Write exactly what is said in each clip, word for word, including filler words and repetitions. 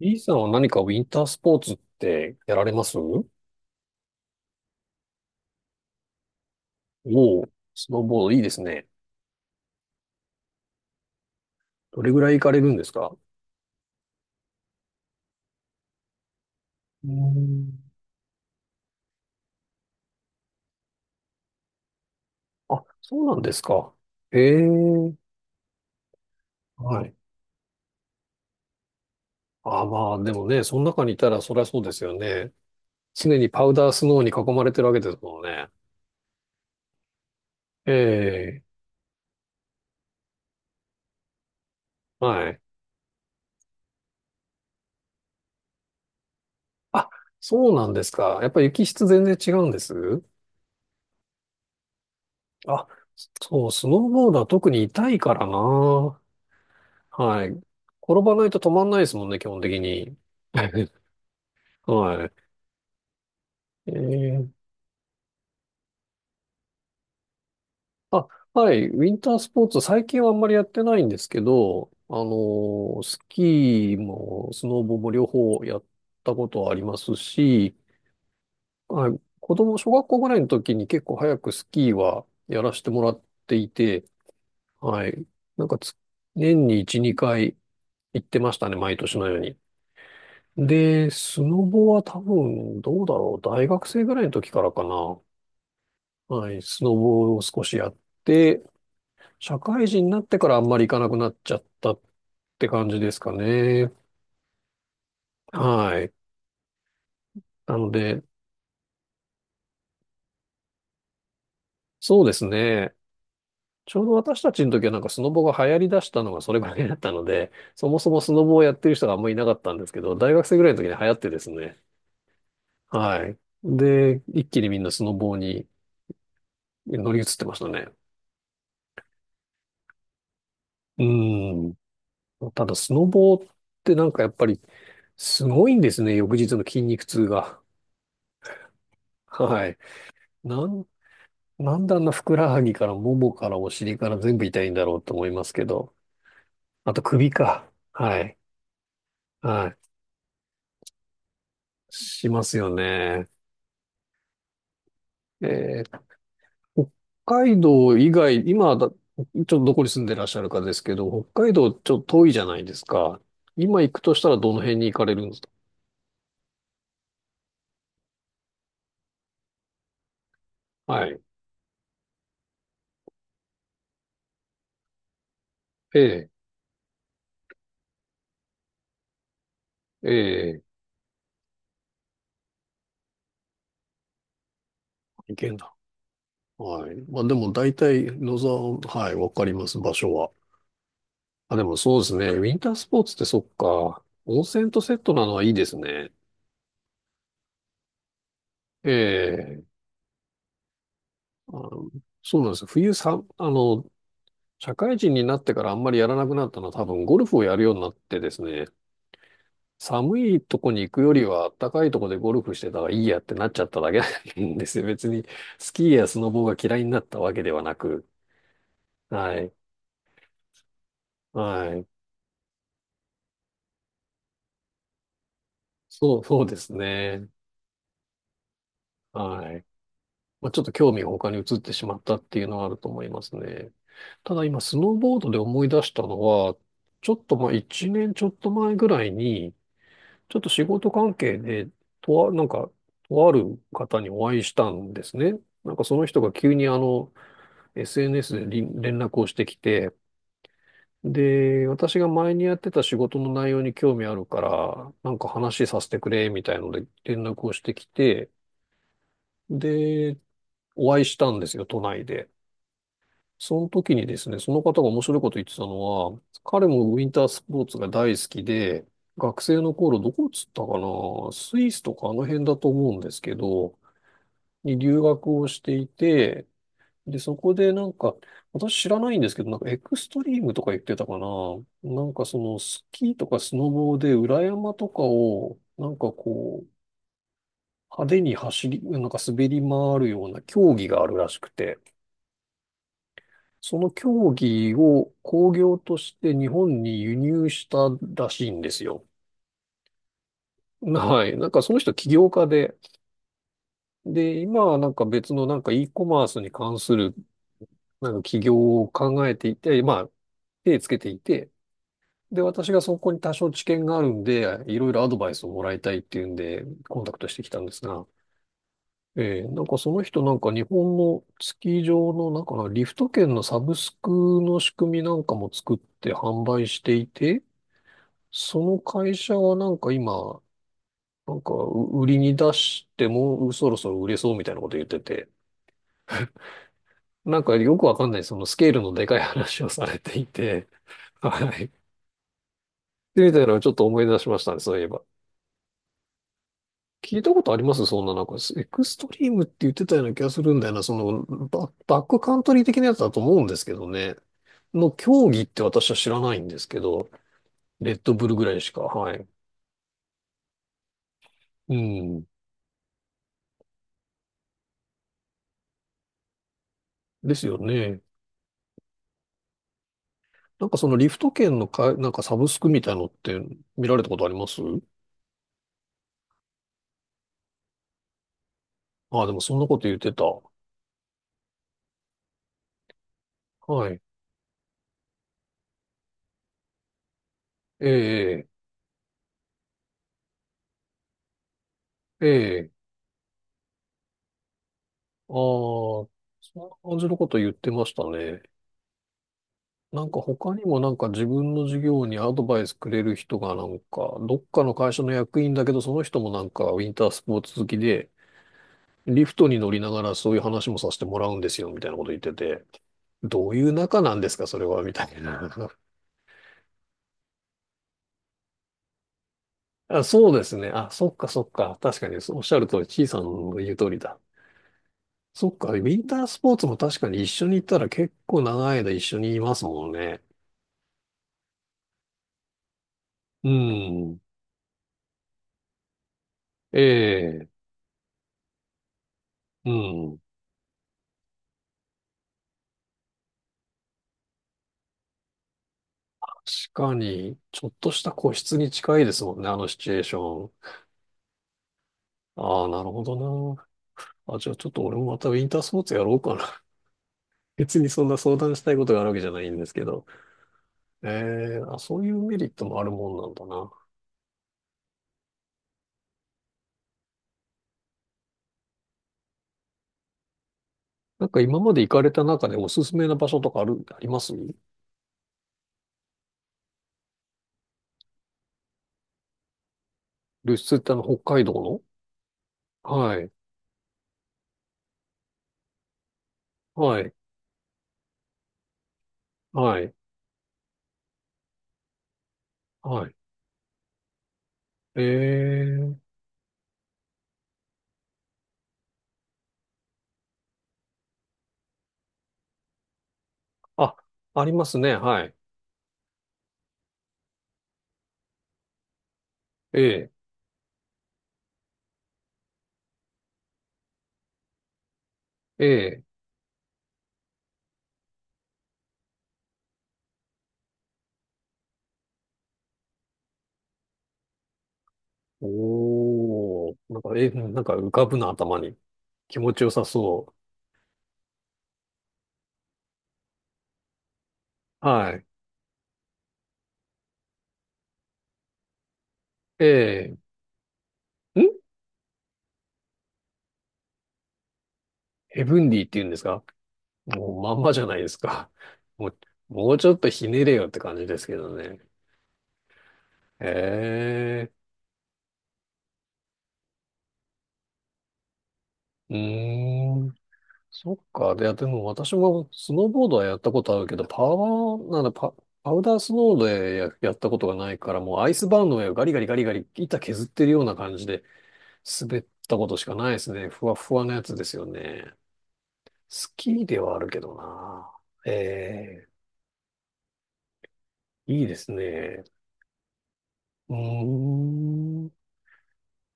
E さんは何かウィンタースポーツってやられますお。おう、スノーボードいいですね。どれぐらい行かれるんですか？うーん。あ、そうなんですか。へえ、はい。あ、まあ、でもね、その中にいたらそりゃそうですよね。常にパウダースノーに囲まれてるわけですもんね。ええ、はい。あ、そうなんですか。やっぱり雪質全然違うんです？あ、そう、スノーボードは特に痛いからな。はい。転ばないと止まんないですもんね、基本的に。はい。えー、あ、はい。ウィンタースポーツ、最近はあんまりやってないんですけど、あのースキーもスノボも両方やったことはありますし、はい。子供、小学校ぐらいの時に結構早くスキーはやらせてもらっていて、はい。なんかつ、年にいち、にかい行ってましたね、毎年のように。で、スノボは多分、どうだろう。大学生ぐらいの時からかな。はい、スノボを少しやって、社会人になってからあんまり行かなくなっちゃったって感じですかね。はい。なので、そうですね。ちょうど私たちの時はなんかスノボが流行り出したのがそれぐらいだったので、そもそもスノボをやってる人があんまりいなかったんですけど、大学生ぐらいの時に流行ってですね。はい。で、一気にみんなスノボに乗り移ってましたね。うん。ただ、スノボってなんかやっぱりすごいんですね。翌日の筋肉痛が。はい。なん、なんであんなふくらはぎからももからお尻から全部痛いんだろうと思いますけど。あと首か。はい。はい。しますよね。えー北海道以外、今だ、ちょっとどこに住んでらっしゃるかですけど、北海道ちょっと遠いじゃないですか。今行くとしたらどの辺に行かれるんですか？はい。ええ、ええ、行けんだ。はい。まあでも大体野沢、はい、わかります、場所は。あ、でもそうですね。ウィンタースポーツってそっか。温泉とセットなのはいいですね。ええ、あの、そうなんですよ。冬さ、あの、社会人になってからあんまりやらなくなったのは多分ゴルフをやるようになってですね。寒いとこに行くよりは暖かいとこでゴルフしてたらいいやってなっちゃっただけなんですよ。別にスキーやスノボーが嫌いになったわけではなく。はい。はい。そう、そうですね。はい。まあ、ちょっと興味が他に移ってしまったっていうのはあると思いますね。ただ今、スノーボードで思い出したのは、ちょっとまあいちねんちょっと前ぐらいに、ちょっと仕事関係で、とあ、なんか、とある方にお会いしたんですね。なんかその人が急にあの、エスエヌエス でり連絡をしてきて、で、私が前にやってた仕事の内容に興味あるから、なんか話させてくれ、みたいので連絡をしてきて、で、お会いしたんですよ、都内で。その時にですね、その方が面白いこと言ってたのは、彼もウィンタースポーツが大好きで、学生の頃どこっつったかな、スイスとかあの辺だと思うんですけど、に留学をしていて、で、そこでなんか、私知らないんですけど、なんかエクストリームとか言ってたかな。なんかそのスキーとかスノボーで裏山とかを、なんかこう、派手に走り、なんか滑り回るような競技があるらしくて。その競技を興行として日本に輸入したらしいんですよ。はい。なんかその人起業家で、で、今はなんか別のなんか e コマースに関するなんか起業を考えていて、まあ手つけていて、で、私がそこに多少知見があるんで、いろいろアドバイスをもらいたいっていうんで、コンタクトしてきたんですが、えーなんかその人なんか日本のスキー場のなんかなリフト券のサブスクの仕組みなんかも作って販売していて、その会社はなんか今、なんかう売りに出してもうそろそろ売れそうみたいなこと言ってて、なんかよくわかんないそのスケールのでかい話をされていて、はい。でみたいなのをちょっと思い出しましたね、そういえば。聞いたことありますそんななんか、エクストリームって言ってたような気がするんだよな、そのバ、バックカントリー的なやつだと思うんですけどね。の競技って私は知らないんですけど、レッドブルぐらいしか、はい。うん。ですよね。なんかそのリフト券のか、なんかサブスクみたいのって見られたことあります？ああ、でもそんなこと言ってた。はい。ええ、ええ、ああ、そんな感じのこと言ってましたね。なんか他にもなんか自分の事業にアドバイスくれる人がなんか、どっかの会社の役員だけど、その人もなんかウィンタースポーツ好きで、リフトに乗りながらそういう話もさせてもらうんですよ、みたいなこと言ってて、どういう仲なんですか、それは、みたいな。あ、そうですね。あ、そっかそっか。確かに、そうおっしゃる通り、ちいさんの言う通りだ。そっか、ウィンタースポーツも確かに一緒に行ったら結構長い間一緒にいますもんね。うん。ええ、うん。確かに、ちょっとした個室に近いですもんね、あのシチュエーション。ああ、なるほどな。あ、じゃあちょっと俺もまたウィンタースポーツやろうかな。別にそんな相談したいことがあるわけじゃないんですけど。ええ、あ、そういうメリットもあるもんなんだな。なんか今まで行かれた中でおすすめな場所とかある、あります？ルスってあの、北海道の、はい。はい。はい。はい。ええ、あ、ありますね。はい。ええええ、おー。なんか、え、なんか浮かぶな、頭に。気持ちよさそう。はい。ええんヘブンディって言うんですか？もうまんまじゃないですか。もう、もうちょっとひねれよって感じですけどね。ええうーん。そっか。で、でも私もスノーボードはやったことあるけど、パワー、なんだ、パ、パウダースノーでや、やったことがないから、もうアイスバーンの上をガリガリガリガリ板削ってるような感じで滑ったことしかないですね。ふわふわなやつですよね。スキーではあるけどな。ええ、いいですね。うーん。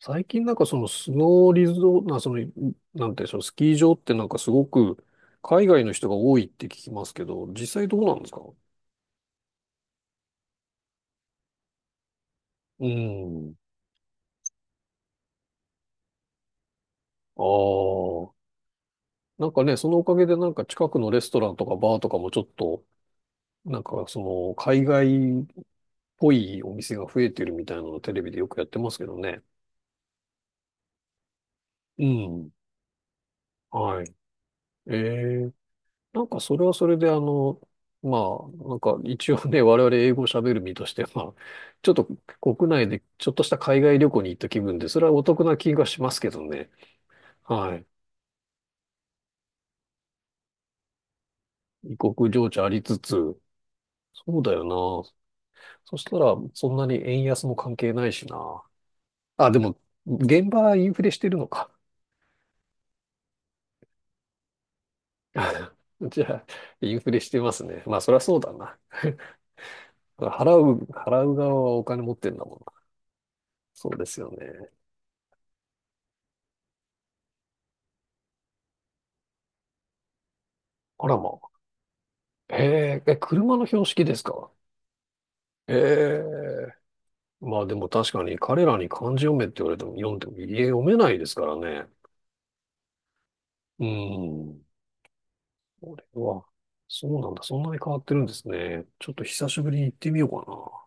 最近なんかそのスノーリゾート、な、その、なんていうんでしょう、スキー場ってなんかすごく海外の人が多いって聞きますけど、実際どうなんですか？うん。ああ。なんかね、そのおかげでなんか近くのレストランとかバーとかもちょっと、なんかその海外っぽいお店が増えてるみたいなのをテレビでよくやってますけどね。うん。はい。ええなんかそれはそれであの、まあ、なんか一応ね、我々英語喋る身としては、ちょっと国内でちょっとした海外旅行に行った気分で、それはお得な気がしますけどね。はい。異国情緒ありつつ、そうだよな。そしたら、そんなに円安も関係ないしな。あ、でも、現場はインフレしてるのか。じゃあ、インフレしてますね。まあ、そりゃそうだな。払う、払う側はお金持ってんだもんな。そうですよね。あらまあ。へえ、え、車の標識ですか？ええ。まあでも確かに彼らに漢字読めって言われても読んでも家読めないですからね。うん。これは、そうなんだ。そんなに変わってるんですね。ちょっと久しぶりに行ってみようかな。